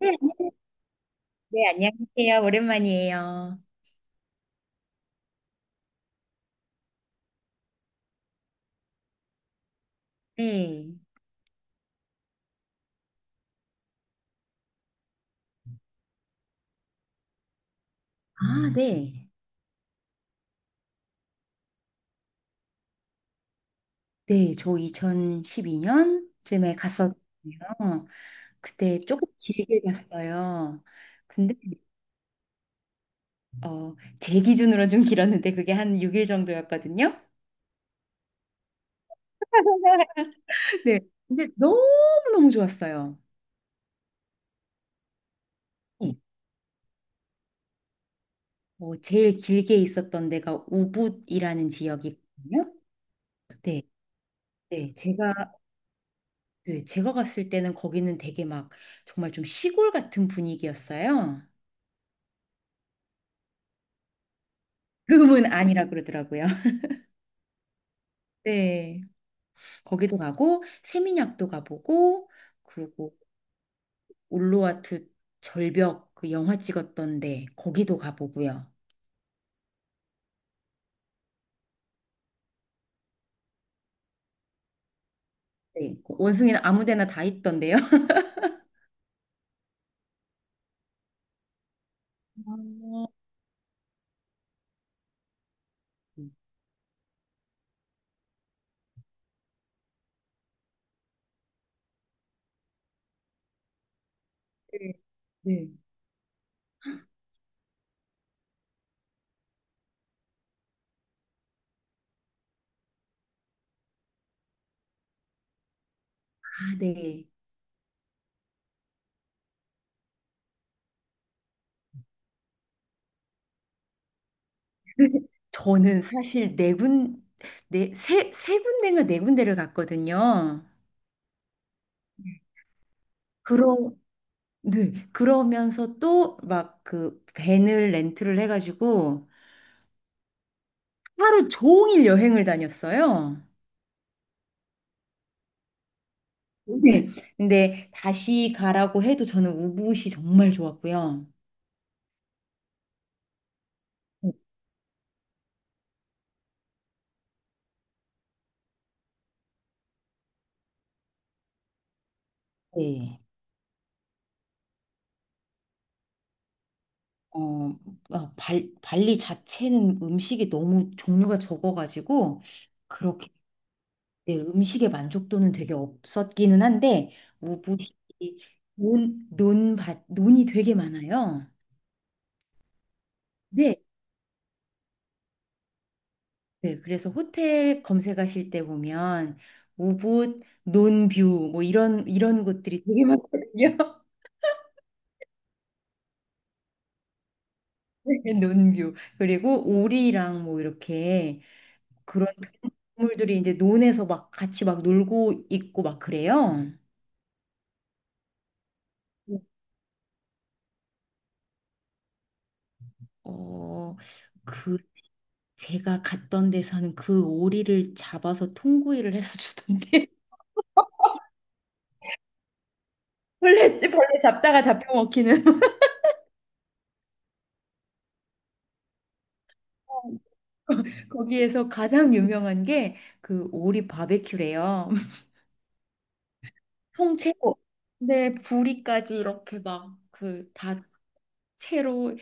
네, 네, 안녕하세요. 오랜만이에요. 네. 아, 네. 네, 저 2012년쯤에 갔었거든요. 그때 조금 길게 갔어요. 근데, 어, 제 기준으로 좀 길었는데 그게 한 6일 정도였거든요. 네. 근데 너무너무 좋았어요. 네. 제일 길게 있었던 데가 우붓이라는 지역이거든요. 네. 네. 제가 네, 제가 갔을 때는 거기는 되게 막 정말 좀 시골 같은 분위기였어요. 금은 아니라 그러더라고요. 네. 거기도 가고 세민약도 가보고, 그리고 울루와투 절벽 그 영화 찍었던 데 거기도 가보고요. 네. 그 원숭이는 아무 데나 다 있던데요. 아, 음. 네. 네. 아, 네. 저는 사실 네, 세 군데인가 네 군데를 갔거든요. 그럼 네. 그러면서 또 막 그 밴을 렌트를 해가지고 하루 종일 여행을 다녔어요. 네. 근데 다시 가라고 해도 저는 우붓이 정말 좋았고요. 네. 어, 발리 자체는 음식이 너무 종류가 적어가지고 그렇게 네, 음식의 만족도는 되게 없었기는 한데, 우붓이 논이 되게 많아요. 네. 네, 그래서 호텔 검색하실 때 보면 우붓, 논뷰 뭐 이런 곳들이 되게 많거든요. 네, 논뷰, 그리고 오리랑 뭐 이렇게 그런 동물들이 이제 논에서 막 같이 막 놀고 있고 막 그래요. 어, 그 제가 갔던 데서는 그 오리를 잡아서 통구이를 해서 주던데. 벌레 잡다가 잡혀 먹히는. 거기에서 가장 유명한 게 그 오리 바베큐래요. 통째로. 네, 부리까지 이렇게 막 그 다 채로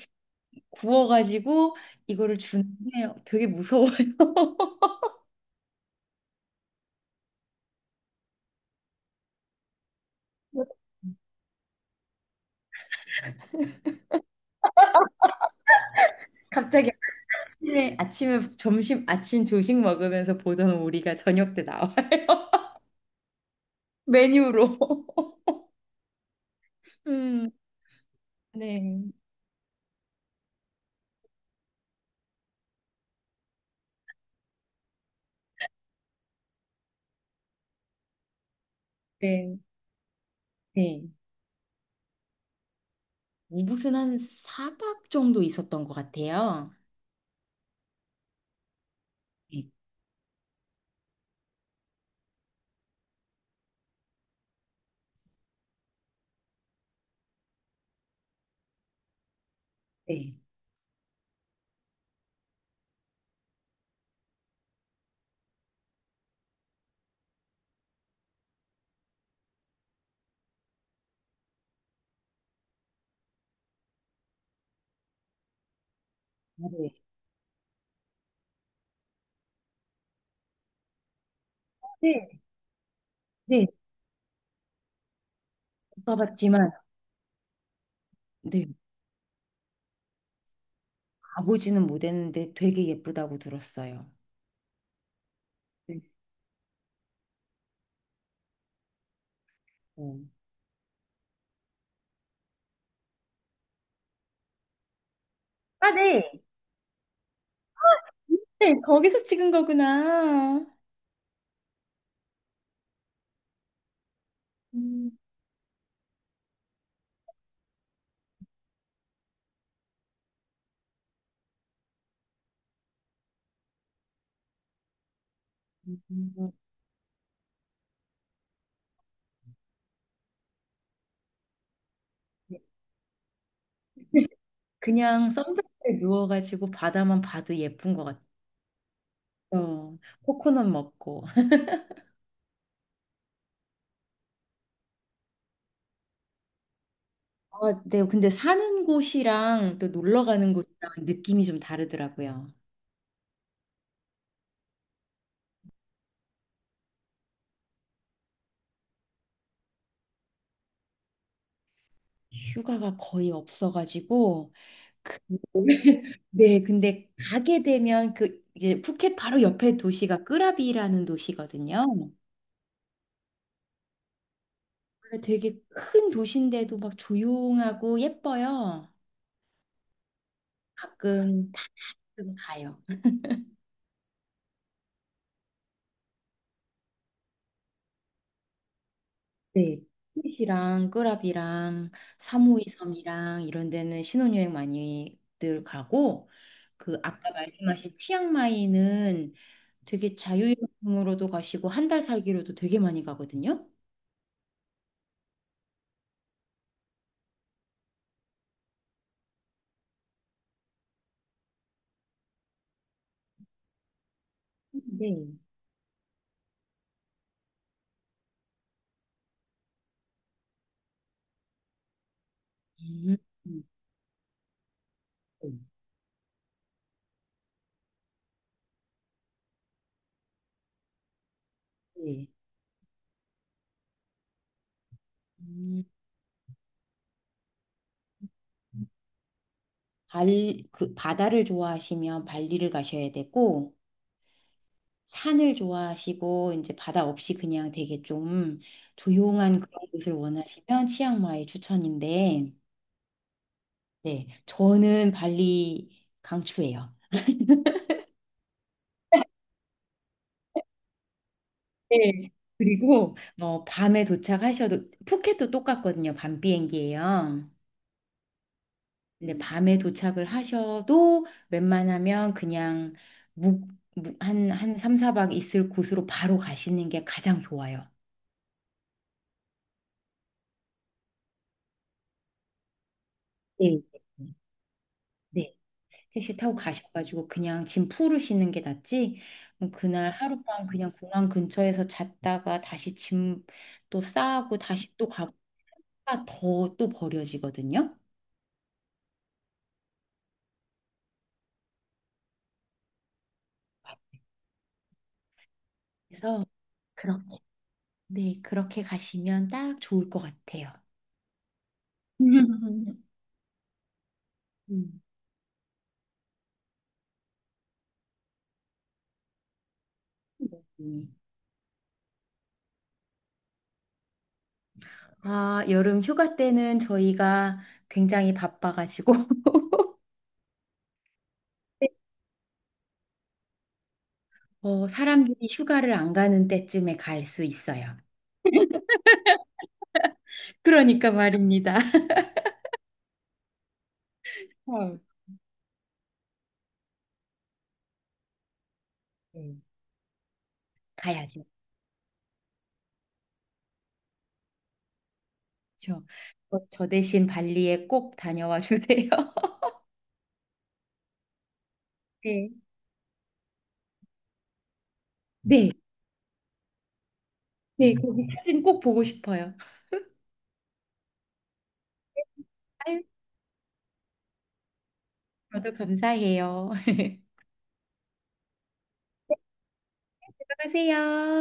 구워가지고 이거를 주는데 되게 무서워요. 갑자기 아침에 아침에 점심 아침 조식 먹으면서 보던 오리가 저녁 때 나와 메뉴로. 음, 네, 네, 네. 무은한 4박 정도 있었던 것 같아요. 네, 네. 네. 네. 가봤지만 네, 가보지는 못했는데 되게 예쁘다고 들었어요. 네. 어. 아, 네. 네, 거기서 찍은 거구나. 음, 음, 그냥 선베드에 누워가지고 바다만 봐도 예쁜 것 같아요. 코코넛 먹고. 아, 네, 근데 사는 곳이랑 또 놀러 가는 곳이랑 느낌이 좀 다르더라고요. 휴가가 거의 없어가지고 네, 근데 가게 되면 그 이제 푸켓 바로 옆에 도시가 끄라비라는 도시거든요. 그게 되게 큰 도시인데도 막 조용하고 예뻐요. 가끔 가끔 가요. 네. 푸켓이랑 끄라비랑 사5이 섬이랑 이런 데는 신혼여행 많이들 가고, 그 아까 말씀하신 치앙마이는 되게 자유여행으로도 가시고 한 달 살기로도 되게 많이 가거든요. 네. 음. 네. 네. 음, 발, 그 바다를 좋아하시면 발리를 가셔야 되고, 산을 좋아하시고 이제 바다 없이 그냥 되게 좀 조용한 그런 곳을 원하시면 치앙마이 추천인데, 네, 저는 발리 강추예요. 네. 그리고 밤에 도착하셔도 푸켓도 똑같거든요. 밤 비행기예요. 근데 밤에 도착을 하셔도 웬만하면 그냥 묵, 한 3, 4박 있을 곳으로 바로 가시는 게 가장 좋아요. 네. 네. 택시 타고 가셔가지고 그냥 짐 풀으시는 게 낫지. 그날 하룻밤 그냥 공항 근처에서 잤다가 다시 짐 또 싸고 다시 또 가고 더 또 버려지거든요. 그래서 그렇게, 네, 그렇게 가시면 딱 좋을 것 같아요. 음. 네. 아, 여름 휴가 때는 저희가 굉장히 바빠가지고 사람들이 휴가를 안 가는 때쯤에 갈 수 있어요. 그러니까 말입니다. 어, 네. 가야죠. 저 대신 발리에 꼭 다녀와 주세요. 네. 네, 네, 거기 사진 꼭 보고 싶어요. 아유, 저도 감사해요. 들어가세요.